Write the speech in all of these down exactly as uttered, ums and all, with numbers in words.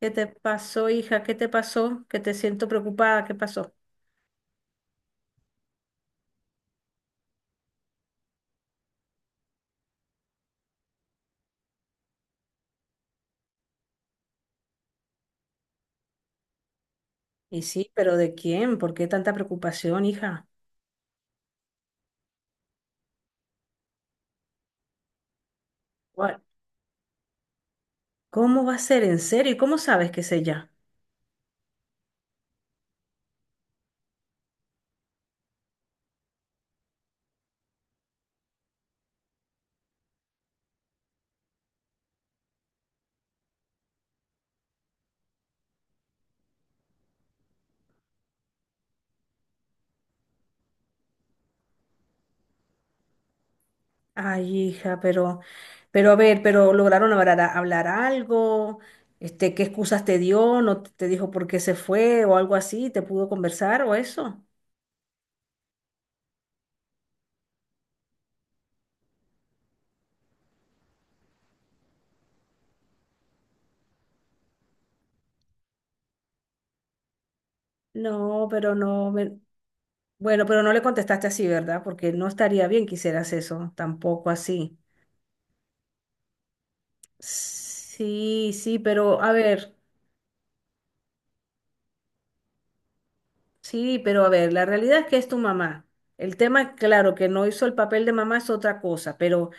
¿Qué te pasó, hija? ¿Qué te pasó? Que te siento preocupada. ¿Qué pasó? Y sí, pero ¿de quién? ¿Por qué tanta preocupación, hija? Gua- ¿Cómo va a ser? ¿En serio? ¿Y cómo sabes que es ella? Ay, hija, pero, pero a ver, pero lograron hablar, hablar algo. Este, ¿qué excusas te dio? ¿No te te dijo por qué se fue o algo así? ¿Te pudo conversar o eso? No, pero no. me- Bueno, pero no le contestaste así, ¿verdad? Porque no estaría bien que hicieras eso, tampoco así. Sí, sí, pero a ver, sí, pero a ver, la realidad es que es tu mamá. El tema, claro, que no hizo el papel de mamá es otra cosa, pero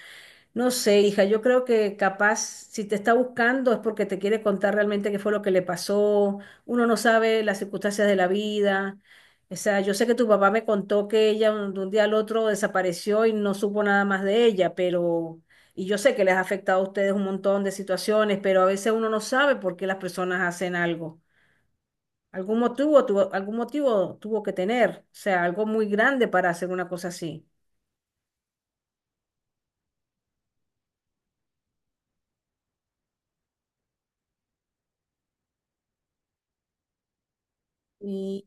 no sé, hija, yo creo que capaz si te está buscando es porque te quiere contar realmente qué fue lo que le pasó. Uno no sabe las circunstancias de la vida. O sea, yo sé que tu papá me contó que ella un- de un día al otro desapareció y no supo nada más de ella, pero… Y yo sé que les ha afectado a ustedes un montón de situaciones, pero a veces uno no sabe por qué las personas hacen algo. Algún motivo tuvo, algún motivo tuvo que tener, o sea, algo muy grande para hacer una cosa así. Y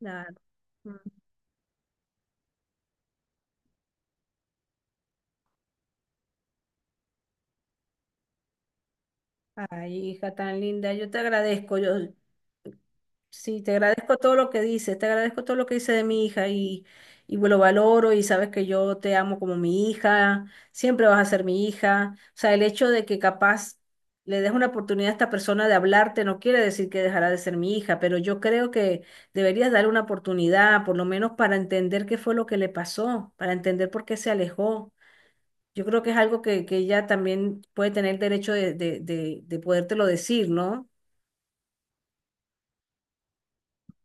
nada. Ay, hija tan linda, yo te agradezco. Yo, sí, te agradezco todo lo que dices, te agradezco todo lo que dices de mi hija y, y lo valoro y sabes que yo te amo como mi hija, siempre vas a ser mi hija. O sea, el hecho de que capaz le des una oportunidad a esta persona de hablarte no quiere decir que dejará de ser mi hija, pero yo creo que deberías darle una oportunidad, por lo menos para entender qué fue lo que le pasó, para entender por qué se alejó. Yo creo que es algo que, que ella también puede tener derecho de, de, de, de podértelo decir, ¿no?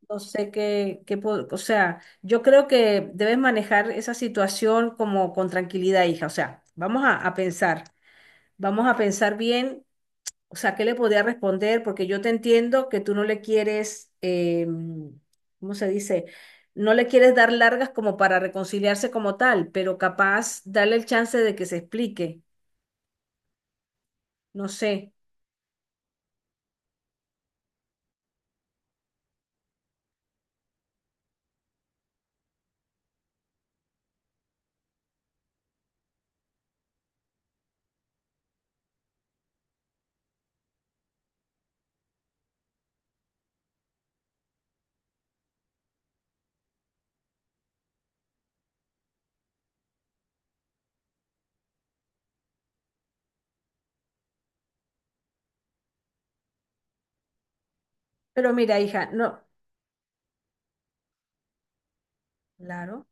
No sé qué, qué, po- o sea, yo creo que debes manejar esa situación como con tranquilidad, hija. O sea, vamos a, a pensar, vamos a pensar bien, o sea, qué le podría responder, porque yo te entiendo que tú no le quieres, eh, ¿cómo se dice? No le quieres dar largas como para reconciliarse como tal, pero capaz darle el chance de que se explique. No sé. Pero mira, hija, no, claro.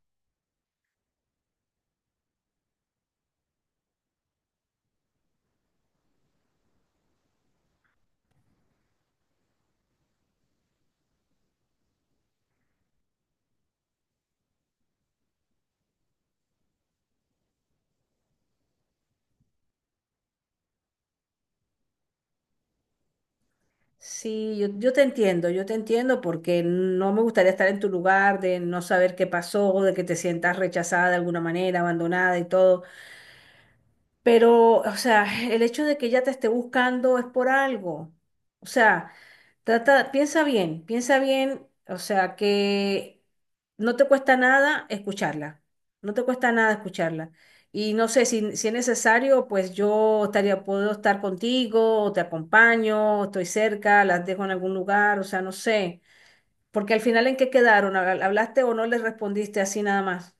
Sí, yo, yo te entiendo, yo te entiendo porque no me gustaría estar en tu lugar, de no saber qué pasó, de que te sientas rechazada de alguna manera, abandonada y todo. Pero, o sea, el hecho de que ella te esté buscando es por algo. O sea, trata, piensa bien, piensa bien, o sea, que no te cuesta nada escucharla. No te cuesta nada escucharla. Y no sé si, si es necesario, pues yo estaría, puedo estar contigo, o te acompaño, o estoy cerca, las dejo en algún lugar, o sea, no sé. Porque al final, ¿en qué quedaron? ¿Hablaste o no les respondiste así nada más?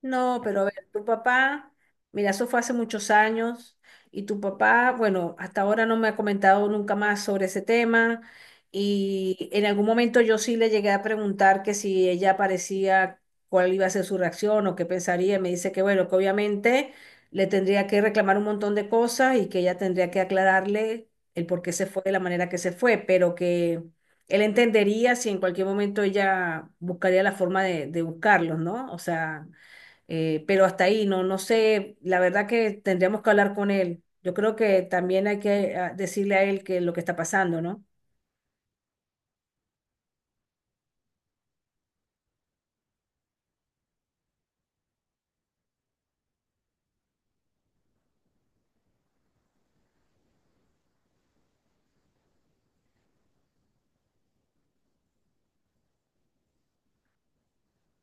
No, pero a ver, tu papá, mira, eso fue hace muchos años y tu papá, bueno, hasta ahora no me ha comentado nunca más sobre ese tema y en algún momento yo sí le llegué a preguntar que si ella parecía cuál iba a ser su reacción o qué pensaría y me dice que bueno, que obviamente le tendría que reclamar un montón de cosas y que ella tendría que aclararle el por qué se fue de la manera que se fue, pero que él entendería si en cualquier momento ella buscaría la forma de, de buscarlos, ¿no? O sea… Eh, pero hasta ahí, no, no sé, la verdad que tendríamos que hablar con él. Yo creo que también hay que ah, decirle a él que lo que está pasando, ¿no?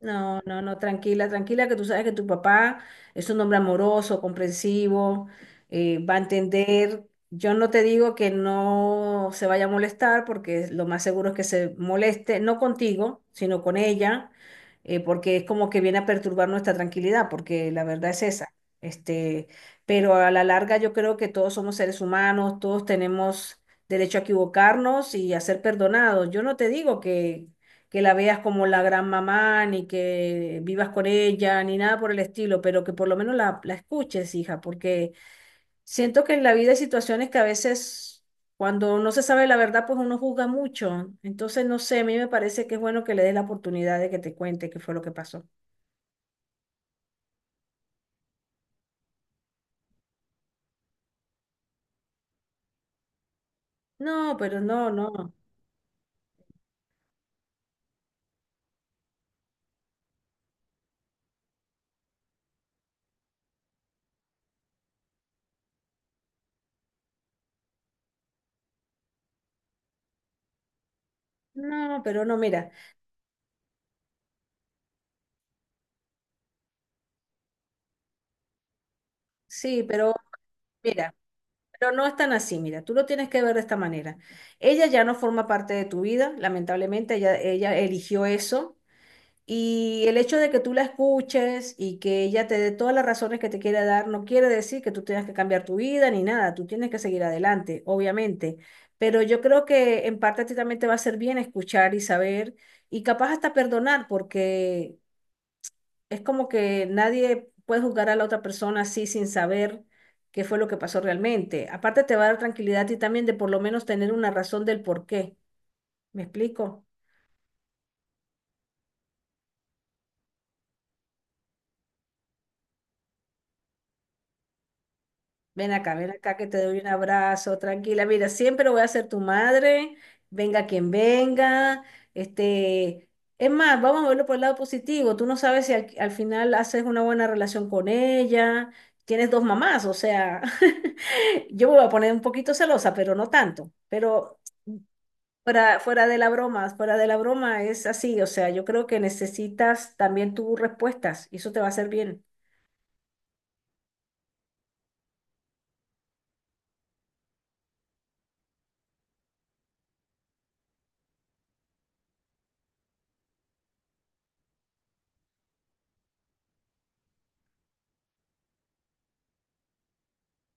No, no, no, tranquila, tranquila, que tú sabes que tu papá es un hombre amoroso, comprensivo, eh, va a entender. Yo no te digo que no se vaya a molestar, porque lo más seguro es que se moleste, no contigo, sino con ella, eh, porque es como que viene a perturbar nuestra tranquilidad, porque la verdad es esa. Este, pero a la larga yo creo que todos somos seres humanos, todos tenemos derecho a equivocarnos y a ser perdonados. Yo no te digo que que la veas como la gran mamá, ni que vivas con ella, ni nada por el estilo, pero que por lo menos la, la escuches, hija, porque siento que en la vida hay situaciones que a veces cuando no se sabe la verdad, pues uno juzga mucho. Entonces, no sé, a mí me parece que es bueno que le des la oportunidad de que te cuente qué fue lo que pasó. No, pero no, no, no, pero no, mira, sí, pero mira. Pero no es tan así, mira, tú lo tienes que ver de esta manera. Ella ya no forma parte de tu vida, lamentablemente, ella, ella eligió eso. Y el hecho de que tú la escuches y que ella te dé todas las razones que te quiera dar, no quiere decir que tú tengas que cambiar tu vida ni nada, tú tienes que seguir adelante, obviamente. Pero yo creo que en parte a ti también te va a hacer bien escuchar y saber y capaz hasta perdonar, porque es como que nadie puede juzgar a la otra persona así sin saber qué fue lo que pasó realmente. Aparte te va a dar tranquilidad y también de por lo menos tener una razón del por qué. ¿Me explico? Ven acá, ven acá que te doy un abrazo, tranquila. Mira, siempre voy a ser tu madre, venga quien venga. Este, es más, vamos a verlo por el lado positivo. Tú no sabes si al, al final haces una buena relación con ella, tienes dos mamás, o sea, yo me voy a poner un poquito celosa, pero no tanto. Pero fuera, fuera de la broma, fuera de la broma es así, o sea, yo creo que necesitas también tus respuestas y eso te va a hacer bien.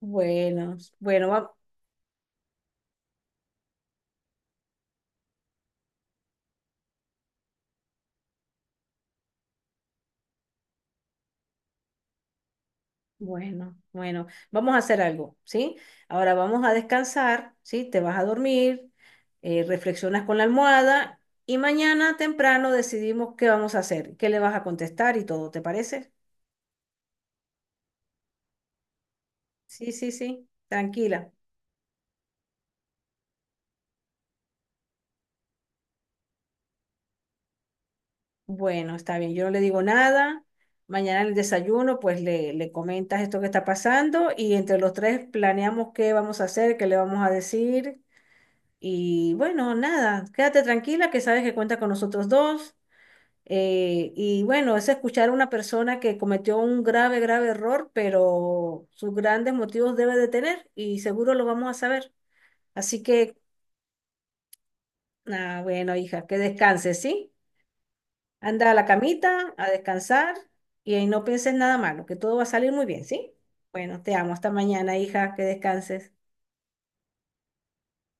Bueno, bueno, va- Bueno, bueno, vamos a hacer algo, ¿sí? Ahora vamos a descansar, ¿sí? Te vas a dormir, eh, reflexionas con la almohada y mañana temprano decidimos qué vamos a hacer, qué le vas a contestar y todo, ¿te parece? Sí, sí, sí, tranquila. Bueno, está bien, yo no le digo nada. Mañana en el desayuno, pues le, le comentas esto que está pasando y entre los tres planeamos qué vamos a hacer, qué le vamos a decir. Y bueno, nada, quédate tranquila que sabes que cuenta con nosotros dos. Eh, y bueno, es escuchar a una persona que cometió un grave, grave error, pero sus grandes motivos debe de tener y seguro lo vamos a saber. Así que, ah, bueno, hija, que descanses, ¿sí? Anda a la camita, a descansar y ahí no pienses nada malo, que todo va a salir muy bien, ¿sí? Bueno, te amo. Hasta mañana, hija, que descanses.